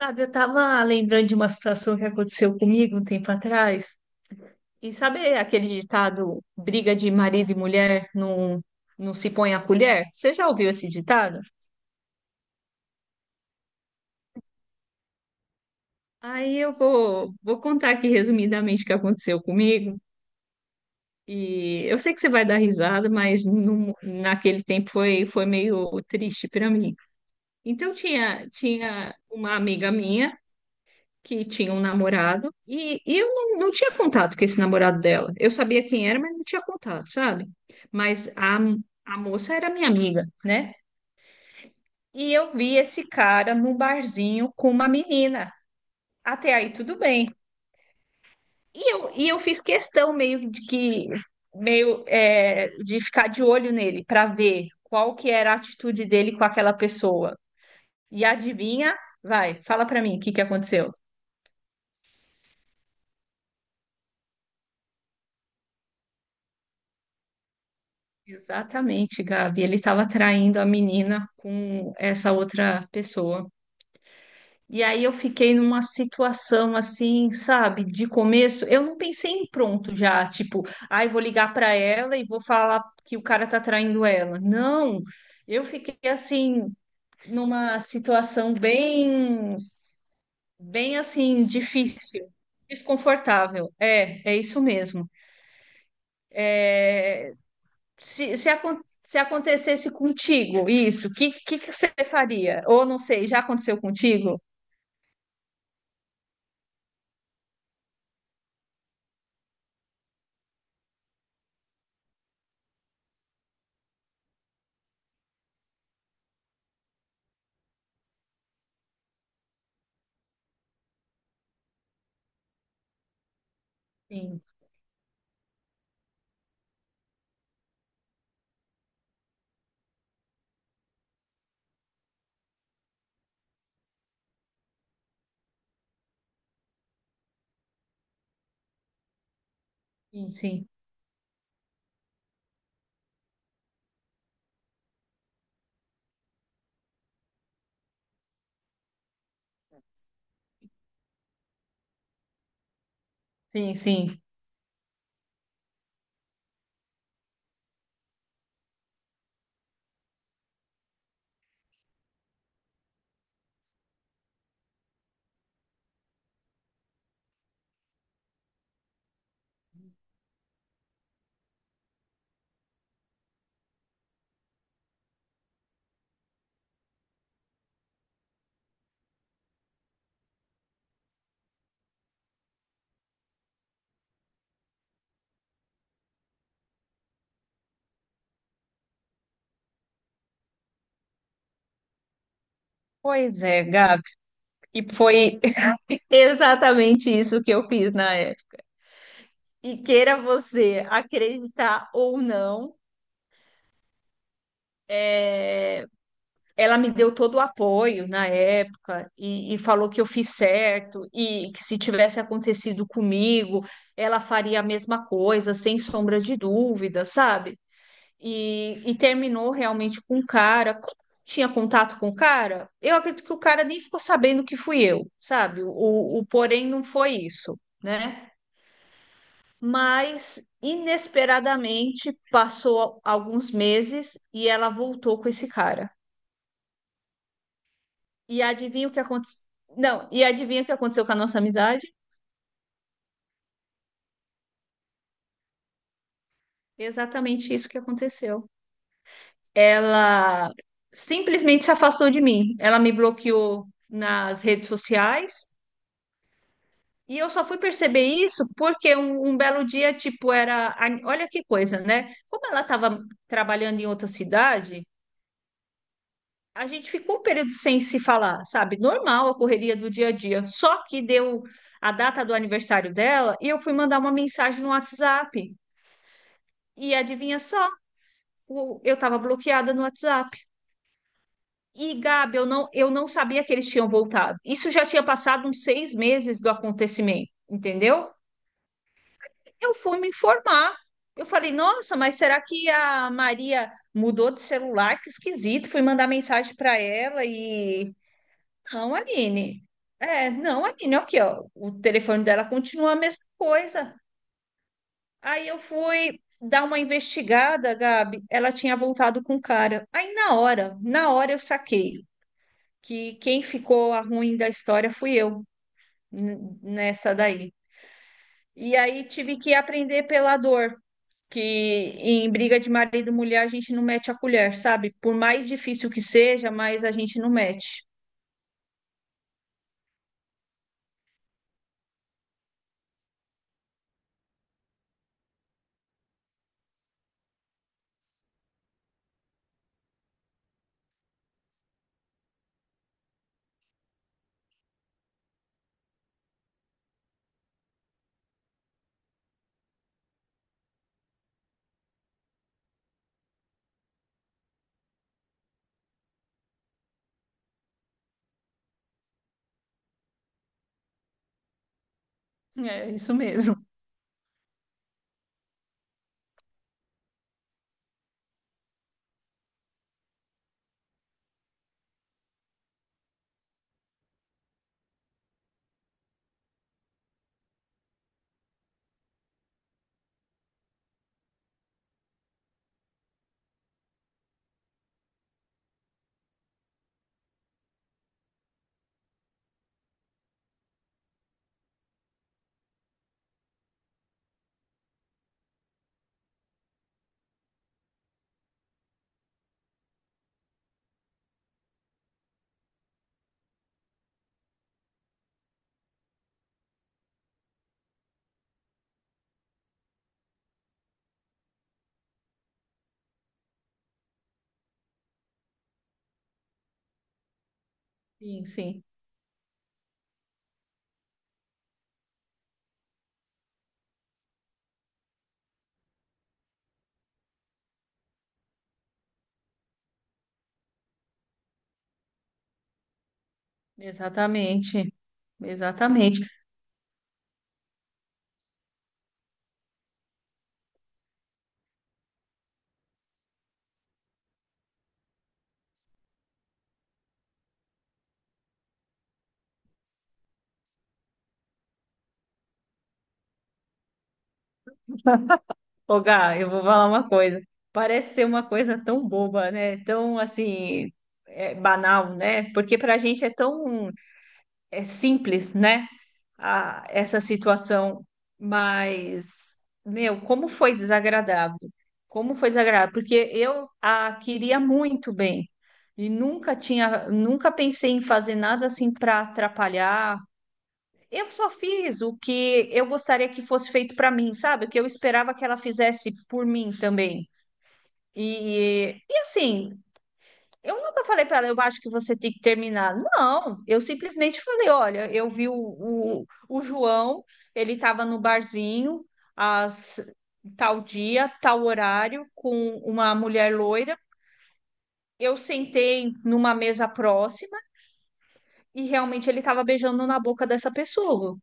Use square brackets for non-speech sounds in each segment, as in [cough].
Sabe, eu tava lembrando de uma situação que aconteceu comigo um tempo atrás. E sabe aquele ditado, briga de marido e mulher não se põe a colher? Você já ouviu esse ditado? Aí eu vou contar aqui resumidamente o que aconteceu comigo. E eu sei que você vai dar risada, mas naquele tempo foi meio triste para mim. Então tinha uma amiga minha que tinha um namorado e eu não tinha contato com esse namorado dela. Eu sabia quem era, mas não tinha contato, sabe? Mas a moça era minha amiga, né? E eu vi esse cara no barzinho com uma menina. Até aí tudo bem. E eu fiz questão meio de que meio de ficar de olho nele para ver qual que era a atitude dele com aquela pessoa. E adivinha? Vai, fala para mim o que que aconteceu. Exatamente, Gabi. Ele estava traindo a menina com essa outra pessoa. E aí eu fiquei numa situação assim, sabe, de começo, eu não pensei em pronto já, tipo, ai, vou ligar para ela e vou falar que o cara tá traindo ela. Não, eu fiquei assim numa situação bem assim difícil, desconfortável. É, é isso mesmo. É, se se acontecesse contigo isso, o que você faria? Ou não sei, já aconteceu contigo? Sim, sim, sim, sim, sim. Pois é, Gabi. E foi [laughs] exatamente isso que eu fiz na época. E queira você acreditar ou não, ela me deu todo o apoio na época e falou que eu fiz certo e que se tivesse acontecido comigo, ela faria a mesma coisa, sem sombra de dúvida, sabe? E, e terminou realmente com o cara. Como tinha contato com o cara? Eu acredito que o cara nem ficou sabendo que fui eu, sabe? O porém não foi isso, né? Mas inesperadamente passou alguns meses e ela voltou com esse cara. E adivinha o que aconteceu? Não, e adivinha o que aconteceu com a nossa amizade? Exatamente isso que aconteceu. Ela simplesmente se afastou de mim. Ela me bloqueou nas redes sociais. E eu só fui perceber isso porque um belo dia, tipo, era. Olha que coisa, né? Como ela estava trabalhando em outra cidade, a gente ficou um período sem se falar, sabe? Normal a correria do dia a dia. Só que deu a data do aniversário dela e eu fui mandar uma mensagem no WhatsApp. E adivinha só? Eu estava bloqueada no WhatsApp. E, Gabi, eu não sabia que eles tinham voltado. Isso já tinha passado uns seis meses do acontecimento, entendeu? Eu fui me informar. Eu falei, nossa, mas será que a Maria mudou de celular? Que esquisito. Fui mandar mensagem para ela e. Não, Aline. É, não, Aline, aqui, ó. O telefone dela continua a mesma coisa. Aí eu fui dar uma investigada, Gabi. Ela tinha voltado com o cara. Aí na hora eu saquei que quem ficou a ruim da história fui eu nessa daí. E aí tive que aprender pela dor, que em briga de marido e mulher a gente não mete a colher, sabe? Por mais difícil que seja, mas a gente não mete. É isso mesmo. Sim, sim, exatamente, exatamente. Ô, Gá, eu vou falar uma coisa. Parece ser uma coisa tão boba, né? Tão assim, é, banal, né? Porque pra gente é tão é simples, né? Essa situação, mas, meu, como foi desagradável. Como foi desagradável, porque eu a queria muito bem e nunca pensei em fazer nada assim para atrapalhar. Eu só fiz o que eu gostaria que fosse feito para mim, sabe? O que eu esperava que ela fizesse por mim também. E assim, eu nunca falei para ela, eu acho que você tem que terminar. Não, eu simplesmente falei, olha, eu vi o João, ele estava no barzinho, às tal dia, tal horário, com uma mulher loira. Eu sentei numa mesa próxima e realmente ele estava beijando na boca dessa pessoa.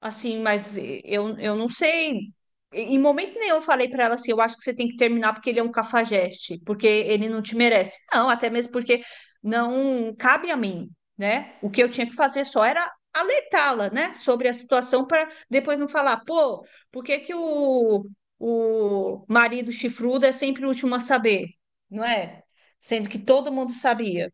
Assim, mas eu não sei. Em momento nenhum eu falei para ela assim, eu acho que você tem que terminar porque ele é um cafajeste, porque ele não te merece. Não, até mesmo porque não cabe a mim, né? O que eu tinha que fazer só era alertá-la, né, sobre a situação para depois não falar, pô, por que que o marido chifrudo é sempre o último a saber, não é? Sendo que todo mundo sabia.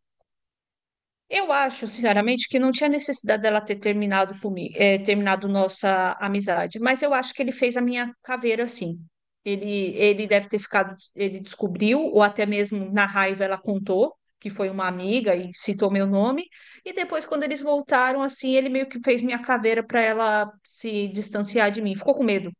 Eu acho, sinceramente, que não tinha necessidade dela ter terminado comigo, terminado nossa amizade, mas eu acho que ele fez a minha caveira assim. Ele deve ter ficado, ele descobriu, ou até mesmo na raiva ela contou que foi uma amiga e citou meu nome, e depois quando eles voltaram assim, ele meio que fez minha caveira para ela se distanciar de mim. Ficou com medo.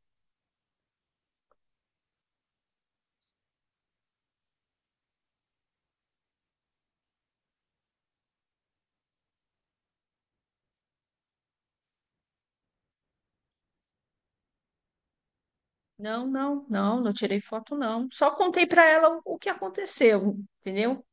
Não, não, não, não tirei foto não. Só contei para ela o que aconteceu, entendeu?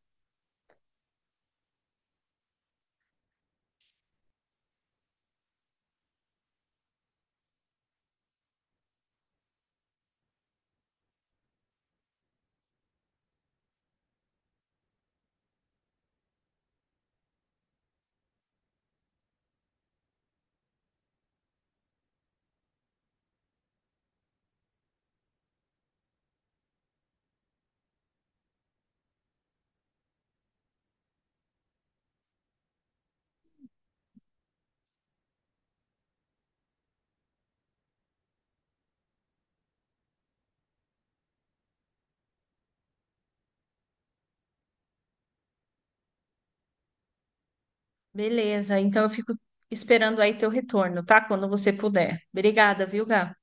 Beleza, então eu fico esperando aí teu retorno, tá? Quando você puder. Obrigada, viu, Gá?